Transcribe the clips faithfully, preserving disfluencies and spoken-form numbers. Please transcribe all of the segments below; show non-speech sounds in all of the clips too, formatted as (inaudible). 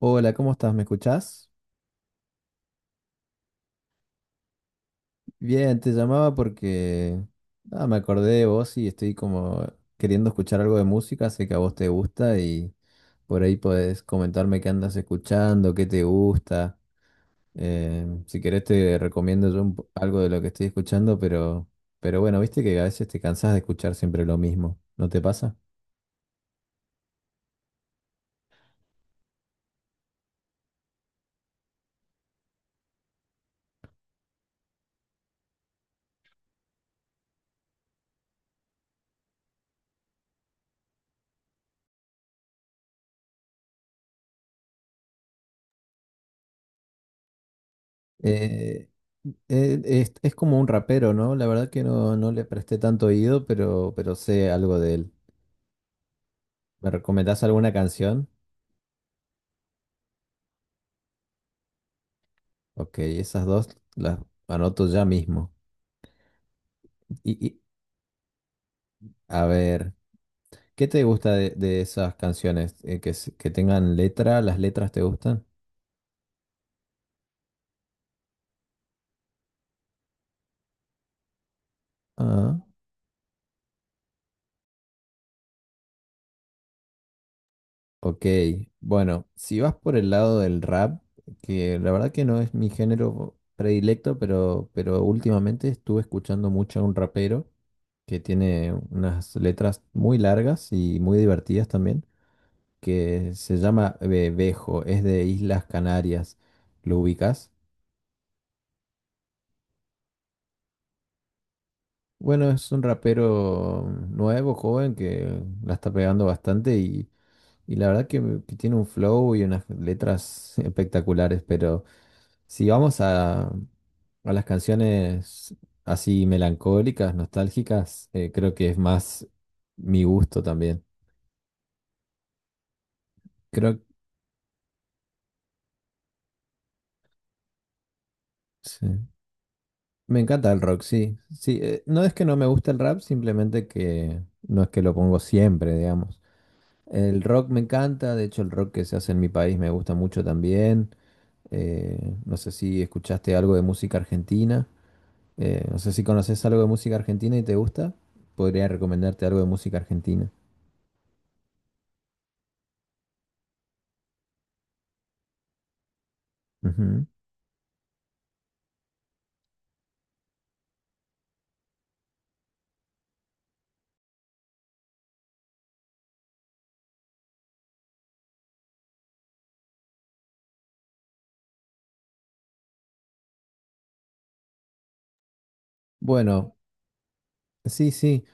Hola, ¿cómo estás? ¿Me escuchás? Bien, te llamaba porque ah, me acordé de vos y estoy como queriendo escuchar algo de música, sé que a vos te gusta y por ahí podés comentarme qué andas escuchando, qué te gusta. Eh, si querés te recomiendo yo un po- algo de lo que estoy escuchando, pero, pero bueno, viste que a veces te cansás de escuchar siempre lo mismo, ¿no te pasa? Eh, eh, es, es como un rapero, ¿no? La verdad que no, no le presté tanto oído, pero, pero sé algo de él. ¿Me recomendás alguna canción? Ok, esas dos las anoto ya mismo. Y, y, a ver, ¿qué te gusta de, de esas canciones? Eh, que, s- que tengan letra, ¿las letras te gustan? Ah, ok. Bueno, si vas por el lado del rap, que la verdad que no es mi género predilecto, pero, pero últimamente estuve escuchando mucho a un rapero que tiene unas letras muy largas y muy divertidas también, que se llama Be- Bejo, es de Islas Canarias. ¿Lo ubicas? Bueno, es un rapero nuevo, joven, que la está pegando bastante y, y la verdad que, que tiene un flow y unas letras (laughs) espectaculares, pero si vamos a, a las canciones así melancólicas, nostálgicas, eh, creo que es más mi gusto también. Creo, sí. Me encanta el rock, sí. Sí, eh, no es que no me guste el rap, simplemente que no es que lo pongo siempre, digamos. El rock me encanta, de hecho el rock que se hace en mi país me gusta mucho también. Eh, no sé si escuchaste algo de música argentina. Eh, no sé si conoces algo de música argentina y te gusta. Podría recomendarte algo de música argentina. Ujú. Bueno, sí, sí.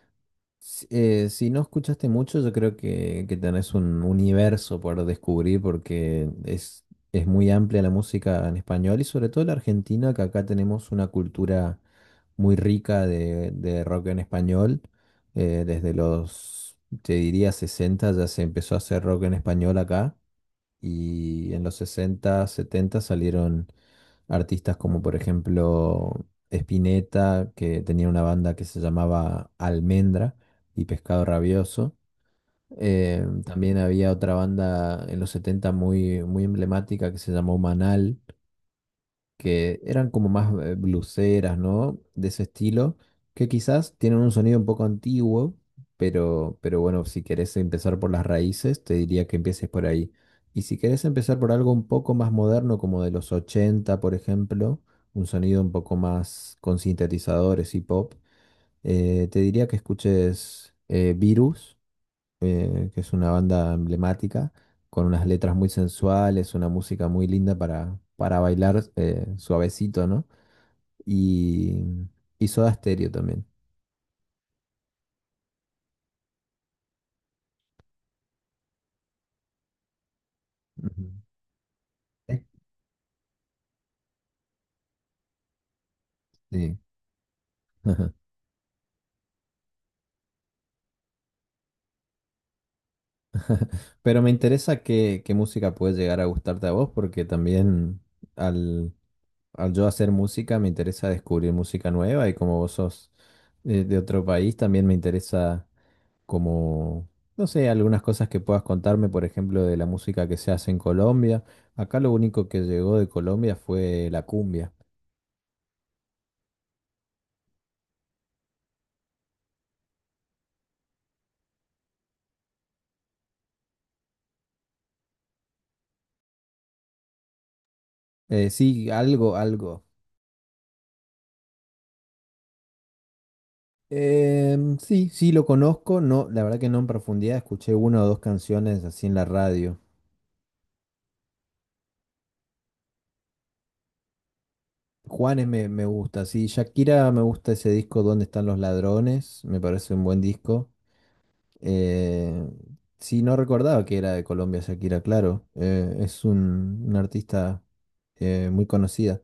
Si, eh, si no escuchaste mucho, yo creo que, que tenés un universo por descubrir porque es, es muy amplia la música en español y sobre todo la argentina, que acá tenemos una cultura muy rica de, de rock en español. Eh, desde los, Te diría, sesenta ya se empezó a hacer rock en español acá y en los sesenta, setenta salieron artistas como por ejemplo Spinetta, que tenía una banda que se llamaba Almendra y Pescado Rabioso. Eh, también había otra banda en los setenta muy, muy emblemática que se llamó Manal, que eran como más eh, blueseras, ¿no? De ese estilo, que quizás tienen un sonido un poco antiguo, pero, pero bueno, si querés empezar por las raíces, te diría que empieces por ahí. Y si querés empezar por algo un poco más moderno, como de los ochenta por ejemplo, un sonido un poco más con sintetizadores y pop, eh, te diría que escuches eh, Virus, eh, que es una banda emblemática, con unas letras muy sensuales, una música muy linda para, para bailar eh, suavecito, ¿no? Y, y Soda Stereo también. Ujú. Eh, Sí. (laughs) Ajá. Pero me interesa qué, qué música puede llegar a gustarte a vos, porque también al, al yo hacer música me interesa descubrir música nueva y como vos sos eh, de otro país, también me interesa como, no sé, algunas cosas que puedas contarme, por ejemplo, de la música que se hace en Colombia. Acá lo único que llegó de Colombia fue la cumbia. Eh, sí, algo, algo. Em, sí, sí lo conozco, no, la verdad que no en profundidad, escuché una o dos canciones así en la radio. Juanes me, me gusta, sí, Shakira me gusta ese disco Donde están los ladrones? Me parece un buen disco. Eh, sí, no recordaba que era de Colombia Shakira, claro. Eh, es un, una artista eh, muy conocida.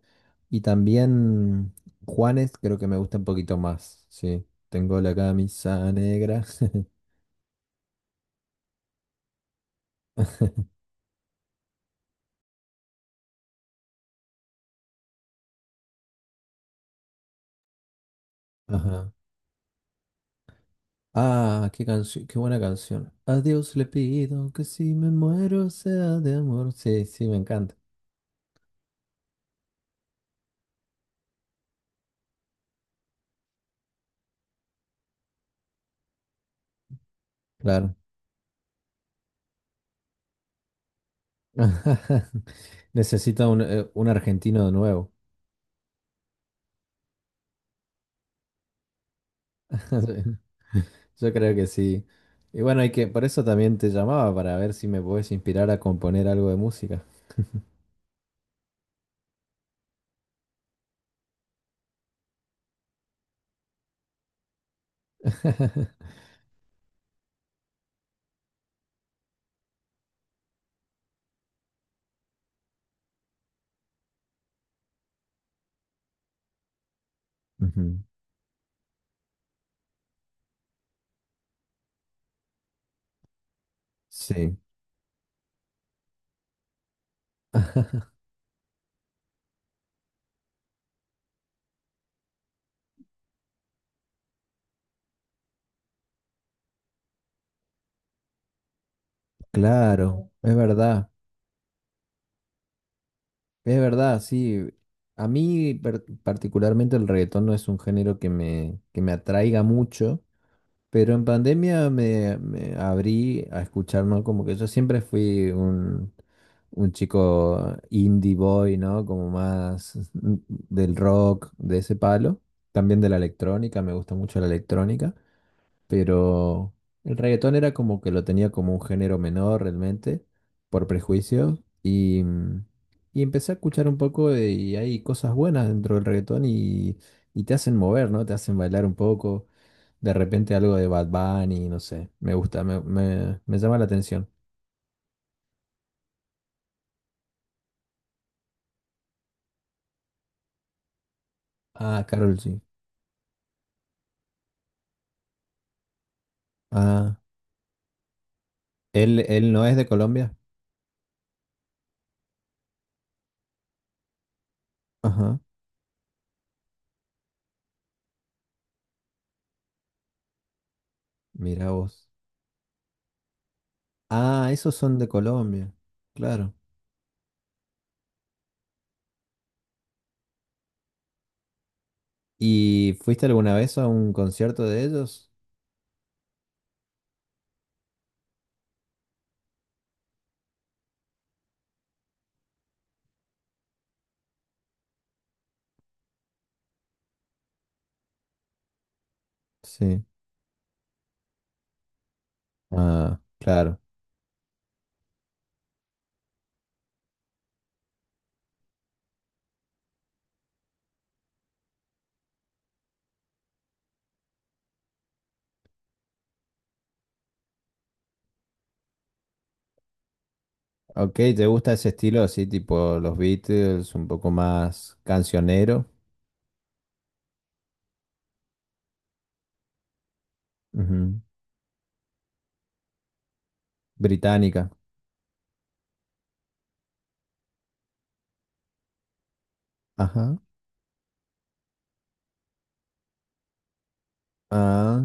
Y también Juanes creo que me gusta un poquito más. Sí, tengo la camisa negra. (laughs) Ajá. Ah, qué canción, qué buena canción. A Dios le pido que si me muero sea de amor. Sí, sí, me encanta. Claro. (laughs) Necesito un, eh, un argentino de nuevo. (laughs) Yo creo que sí. Y bueno, hay que, por eso también te llamaba, para ver si me puedes inspirar a componer algo de música. (laughs) Ujú. Sí, claro, es verdad, es verdad, sí. A mí per- particularmente el reggaetón no es un género que me, que me atraiga mucho, pero en pandemia me, me abrí a escuchar, ¿no? Como que yo siempre fui un, un chico indie boy, ¿no? Como más del rock, de ese palo. También de la electrónica, me gusta mucho la electrónica. Pero el reggaetón era como que lo tenía como un género menor realmente, por prejuicio. Y, mm, y empecé a escuchar un poco de- y hay cosas buenas dentro del reggaetón y, y te hacen mover, ¿no? Te hacen bailar un poco de repente algo de Bad Bunny, no sé. Me gusta, me, me- me llama la atención. Ah, Karol G. Ah, él, él no es de Colombia. Ajá, mira vos. Ah, esos son de Colombia. Claro. ¿Y fuiste alguna vez a un concierto de ellos? Sí. Ah, claro. Ok, ¿te gusta ese estilo así, tipo los Beatles, un poco más cancionero? Ujú. Británica. Ajá. Ah,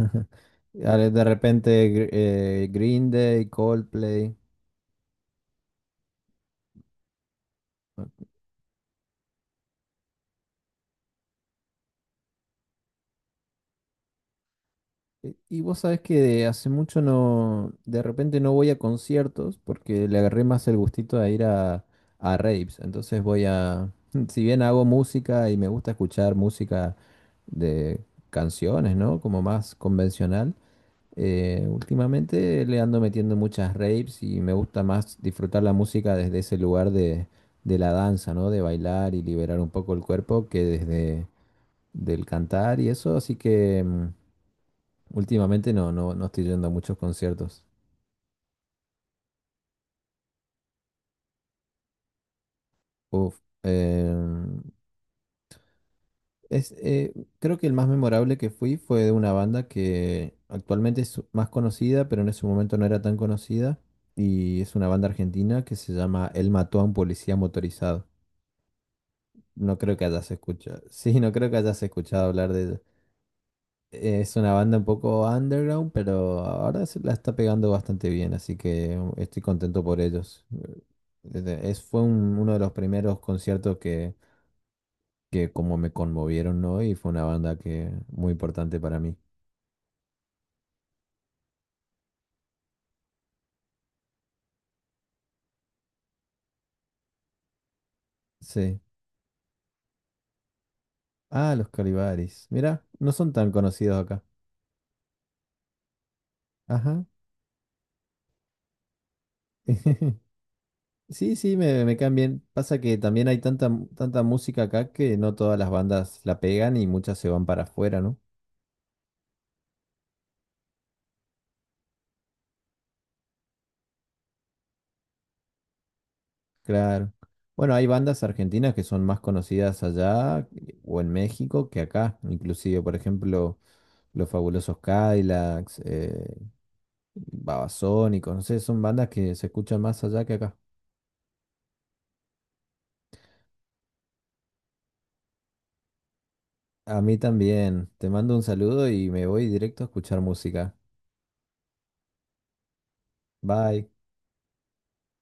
(laughs) Ale, de repente Gr- eh, Green Day, Coldplay. Y y vos sabés que de hace mucho no, de repente no voy a conciertos porque le agarré más el gustito a ir a, a raves. Entonces voy a, (laughs) si bien hago música y me gusta escuchar música de canciones, ¿no? Como más convencional. Eh, últimamente le ando metiendo muchas raves y me gusta más disfrutar la música desde ese lugar de, de la danza, ¿no? De bailar y liberar un poco el cuerpo que desde del cantar y eso, así que mm, últimamente no, no, no estoy yendo a muchos conciertos. Uf, em, es, eh, Creo que el más memorable que fui fue de una banda que actualmente es más conocida, pero en ese momento no era tan conocida, y es una banda argentina que se llama Él mató a un policía motorizado. No creo que hayas escuchado. (laughs) Sí, no creo que hayas escuchado hablar de ella. Es una banda un poco underground, pero ahora se la está pegando bastante bien, así que um, estoy contento por ellos. Desde- Es, fue un- uno de los primeros conciertos que, que como me conmovieron, ¿no? Y fue una banda que muy importante para mí. Sí. Ah, los Calibaris. Mira, no son tan conocidos acá. Ajá. (laughs) Sí, sí, me, me caen bien. Pasa que también hay tanta, mu- tanta música acá que no todas las bandas la pegan y muchas se van para afuera, ¿no? Claro. Bueno, hay bandas argentinas que son más conocidas allá eh, o en México que acá. Inclusive, por ejemplo, Los Fabulosos Cadillacs, eh, Babasónicos, no sé, son bandas que se escuchan más allá que acá. A mí también. Te mando un saludo y me voy directo a escuchar música. Bye.